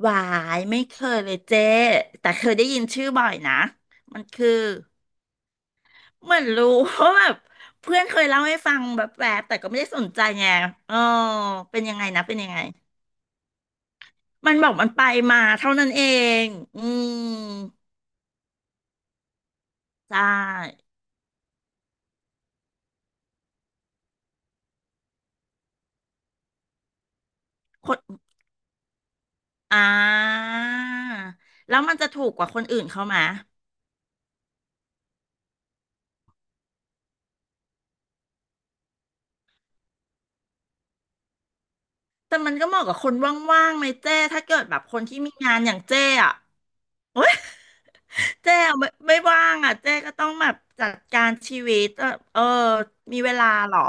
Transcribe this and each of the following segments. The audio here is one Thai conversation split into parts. หวายไม่เคยเลยเจ๊แต่เคยได้ยินชื่อบ่อยนะมันคือเหมือนรู้เพราะแบบเพื่อนเคยเล่าให้ฟังแบบแต่ก็ไม่ได้สนใจไงเออเป็นยังไงนะเป็นยังไงมันบอกมันไปมาเท่านั้นเองอืมใช่คนอ่าแล้วมันจะถูกกว่าคนอื่นเขาไหมแต่มันก็เหมาะกับคนว่างๆไหมเจ้ถ้าเกิดแบบคนที่มีงานอย่างเจ้อะ เจ๊ไม่ว่างอ่ะเจ๊ก็ต้องแบบจัดการชีวิตเออเออมีเวลาเหรอ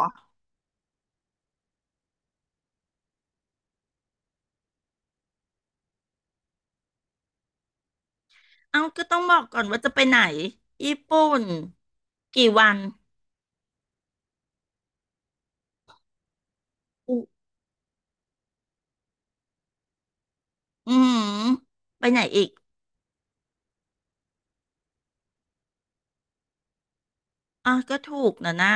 เอ้าก็ต้องบอกก่อนว่าจะไปไหนญี่ปุ่นกี่วันอุอืมไปไหนอีกอ๋อก็ถูกนะน่ะ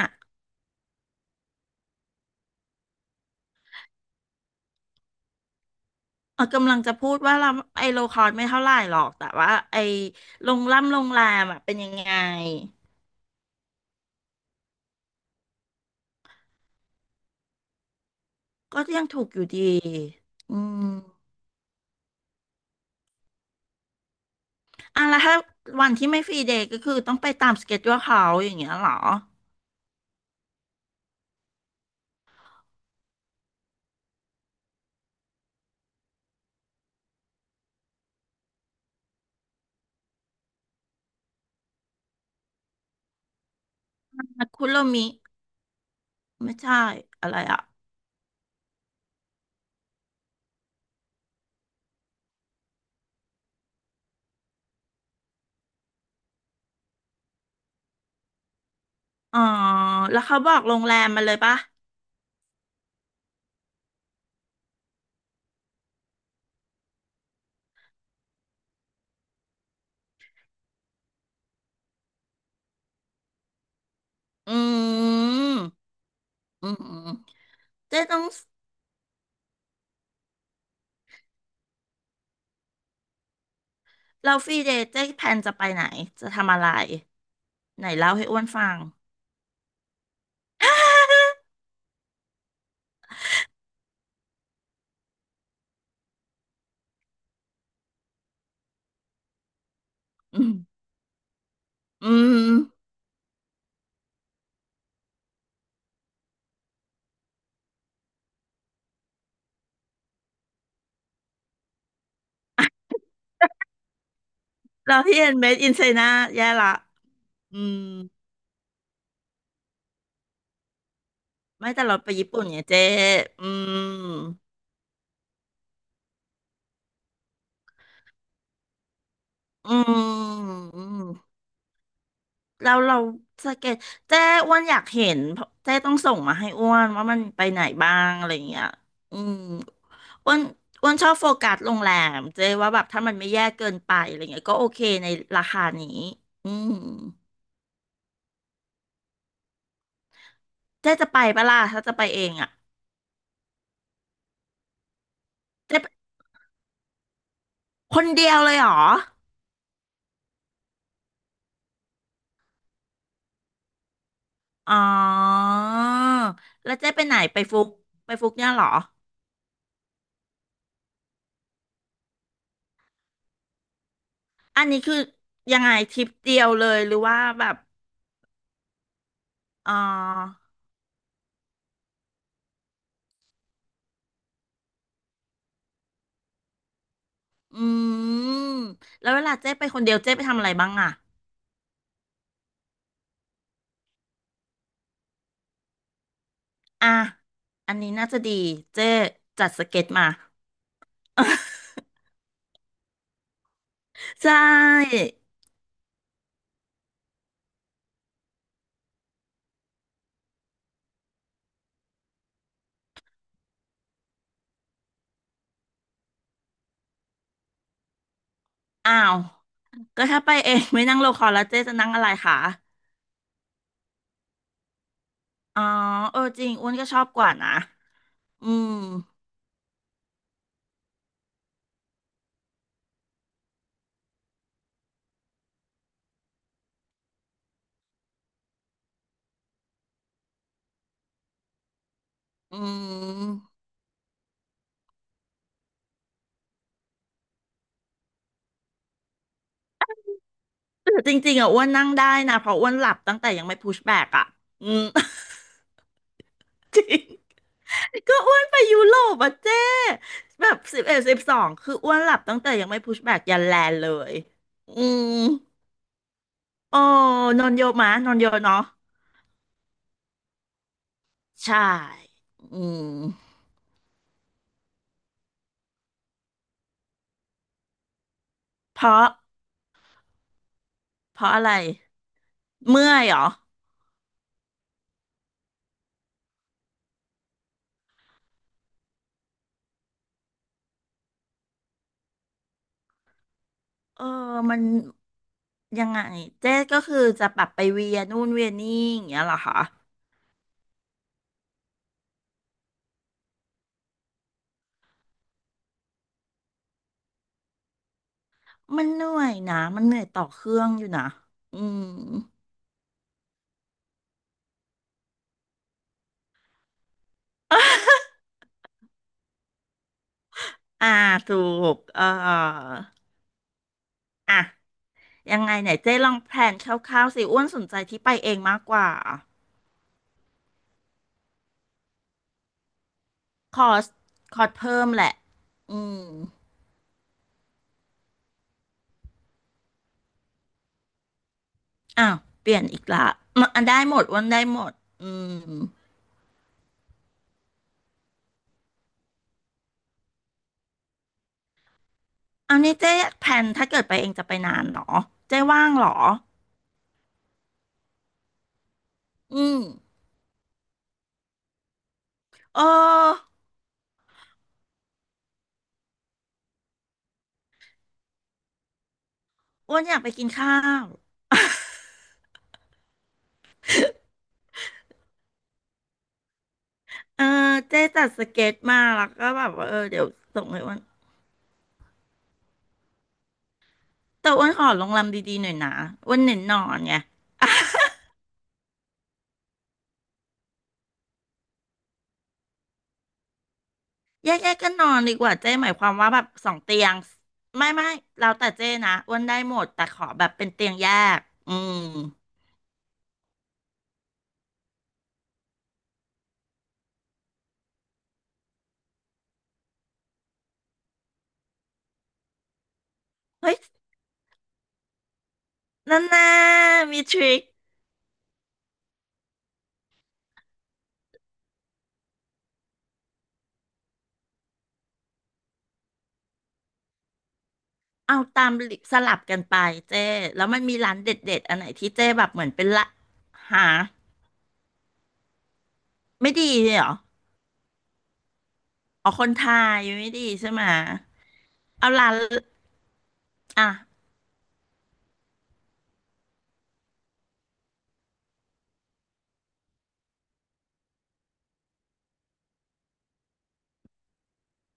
เออกำลังจะพูดว่าเราไอโลคอร์สไม่เท่าไหร่หรอกแต่ว่าไอโรงล่ำโรงแรมอ่ะเป็นยังไงก็ยังถูกอยู่ดีอืมอ่ะแล้วถ้าวันที่ไม่ฟรีเดย์ก็คือต้องไปตามสเกจ u ู e เขาอย่างเงี้ยเหรอคุโรมิ ไม่ใช่อะไรอ่ะอ๋อแล้วเขาบอกโรงแรมมาเลยปะอืมอืมอืมเจ๊ต้องเราฟรีเดย์เจ๊แพลนจะไปไหนจะทำอะไรไหนเล่าให้อ้วนฟัง อืมอืมเราที่เอ็นเมดอินไชน่าแย่ละ อืมไม่แต่เราไปญี่ปุ่นเนี่ยเจ๊ อืมอืม แล้วเราสเก็ตเจ้อ้วนอยากเห็นเพราะเจ้ต้องส่งมาให้อ้วนว่ามันไปไหนบ้างอะไรอย่างเงี้ยอืมอ้วนอ้วนชอบโฟกัสโรงแรมเจ้ว่าแบบถ้ามันไม่แย่เกินไปอะไรเงี้ยก็โอเคในราคานี้อืมเจ้จะไปปะล่ะถ้าจะไปเองอ่ะเจ้ไปคนเดียวเลยเหรออ๋อแล้วเจ๊ไปไหนไปฟุกไปฟุกเนี่ยเหรออันนี้คือยังไงทริปเดียวเลยหรือว่าแบบอ๋อ อืมแล้วเวลาเจ๊ไปคนเดียวเจ๊ไปทำอะไรบ้างอ่ะอ่ะอันนี้น่าจะดีเจ๊จัดสเก็ตมา ใช่อ้าวก็ถ้าไปเองไม่นั่งโลคอลแล้วเจ๊จะนั่งอะไรคะอ๋อเออจริงอ้วนก็ชอบกว่านะอืมอืมแต่จริงๆอ่ะอ้วนนั่งได้นะเพราะอ้วนหลับตั้งแต่ยังไม่พุชแบกอ่ะอืม จริง ก็อ้วนไปยุโรปอ่ะเจ๊แบบ1112คืออ้วนหลับตั้งแต่ยังไม่พุชแบกยันแลนด์เลยอืมโอ้นอนเยอะมะนอนเยอะเนาะใช่อืมเพราะเพราะอะไรเมื่อยเหรอเออมันยังไงเจ๊ก็คือจะปรับไปเวียนู่นเวียนี่อย่างเงี้ยเหรอคะมันเหนื่อยนะมันเหนื่อยต่อเครื่องอยู่นะอืม อ่าถูกเอออ่ะ ยังไงไหนเจ๊ลองแพลนคร่าวๆสิอ้วนสนใจที่ไปเองมากกว่าคอสคอสเพิ่มแหละอืมอ้าวเปลี่ยนอีกละมันได้หมดอ้วนได้หมดอืมเอานี่เจ๊แพลนถ้าเกิดไปเองจะไปนานเหรอเจ๊ว่างเหรออืมเอออ้วนอยากไปกินข้าวเออเจ๊จัดสเก็ตมาแล้วก็แบบว่าเออเดี๋ยวส่งให้อ้วนแต่อ้วนขอโรงแรมดีๆหน่อยนะอ้วนเน้นนอนไง แยกๆกกันนอนดีกว่าเจ้หมายความว่าแบบสองเตียงไม่เราแต่เจ้นะอ้วนได้หมดแต่ขอแบบเป็นเตียงแยกอืมเฮ้ยนั่นนะมีทริคเอาตามสลับกันไปเจ้แล้วมันมีร้านเด็ดๆอันไหนที่เจ้แบบเหมือนเป็นละหาไม่ดีเลยเหรอเอาคนไทยไม่ดีใช่ไหมเอาร้านอ่ะ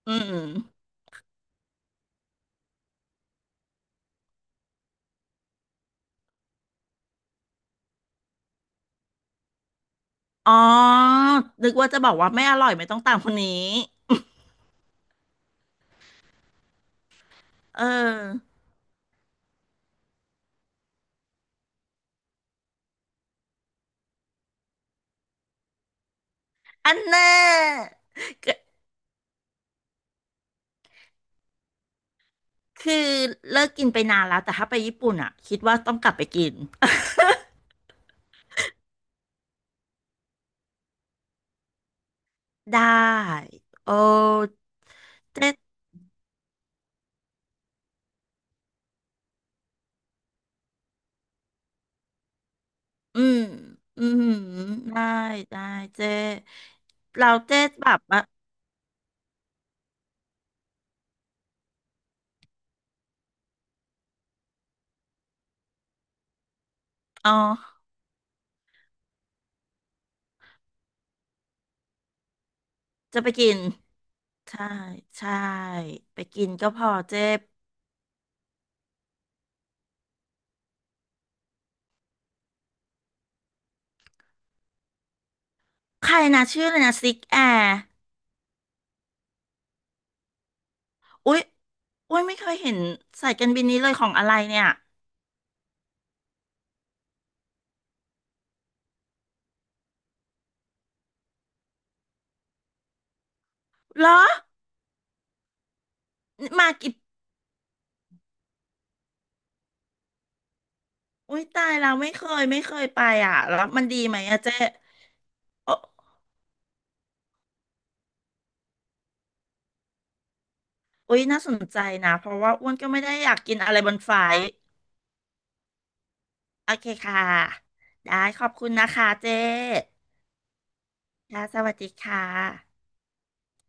อืมอ๋อนึกว่าจะบอกว่าไม่อร่อยไม่ต้องตามคนนี้เอออันแน่ คือเลิกกินไปนานแล้วแต่ถ้าไปญี่ปุ่นอ่ะคิดว่าต้องกลับไปกิน ได้โอ้เจ๊อืมอืมได้ได้เจ๊เราเจ๊แบบว่าอ๋อจะไปกินใช่ใช่ไปกินก็พอเจ๊ใครนะชื่ออะไรนะซิกแอร์อุ๊ยอุ๊ยไม่เคยเห็นสายการบินนี้เลยของอะไรเนี่ยเหรอมากี่อุ๊ยตายเราไม่เคยไปอ่ะแล้วมันดีไหมอะเจ๊ เอออุ๊ยน่าสนใจนะเพราะว่าอ้วนก็ไม่ได้อยากกินอะไรบนไฟล์โอเคค่ะได้ขอบคุณนะคะเจ๊ค่ะสวัสดีค่ะ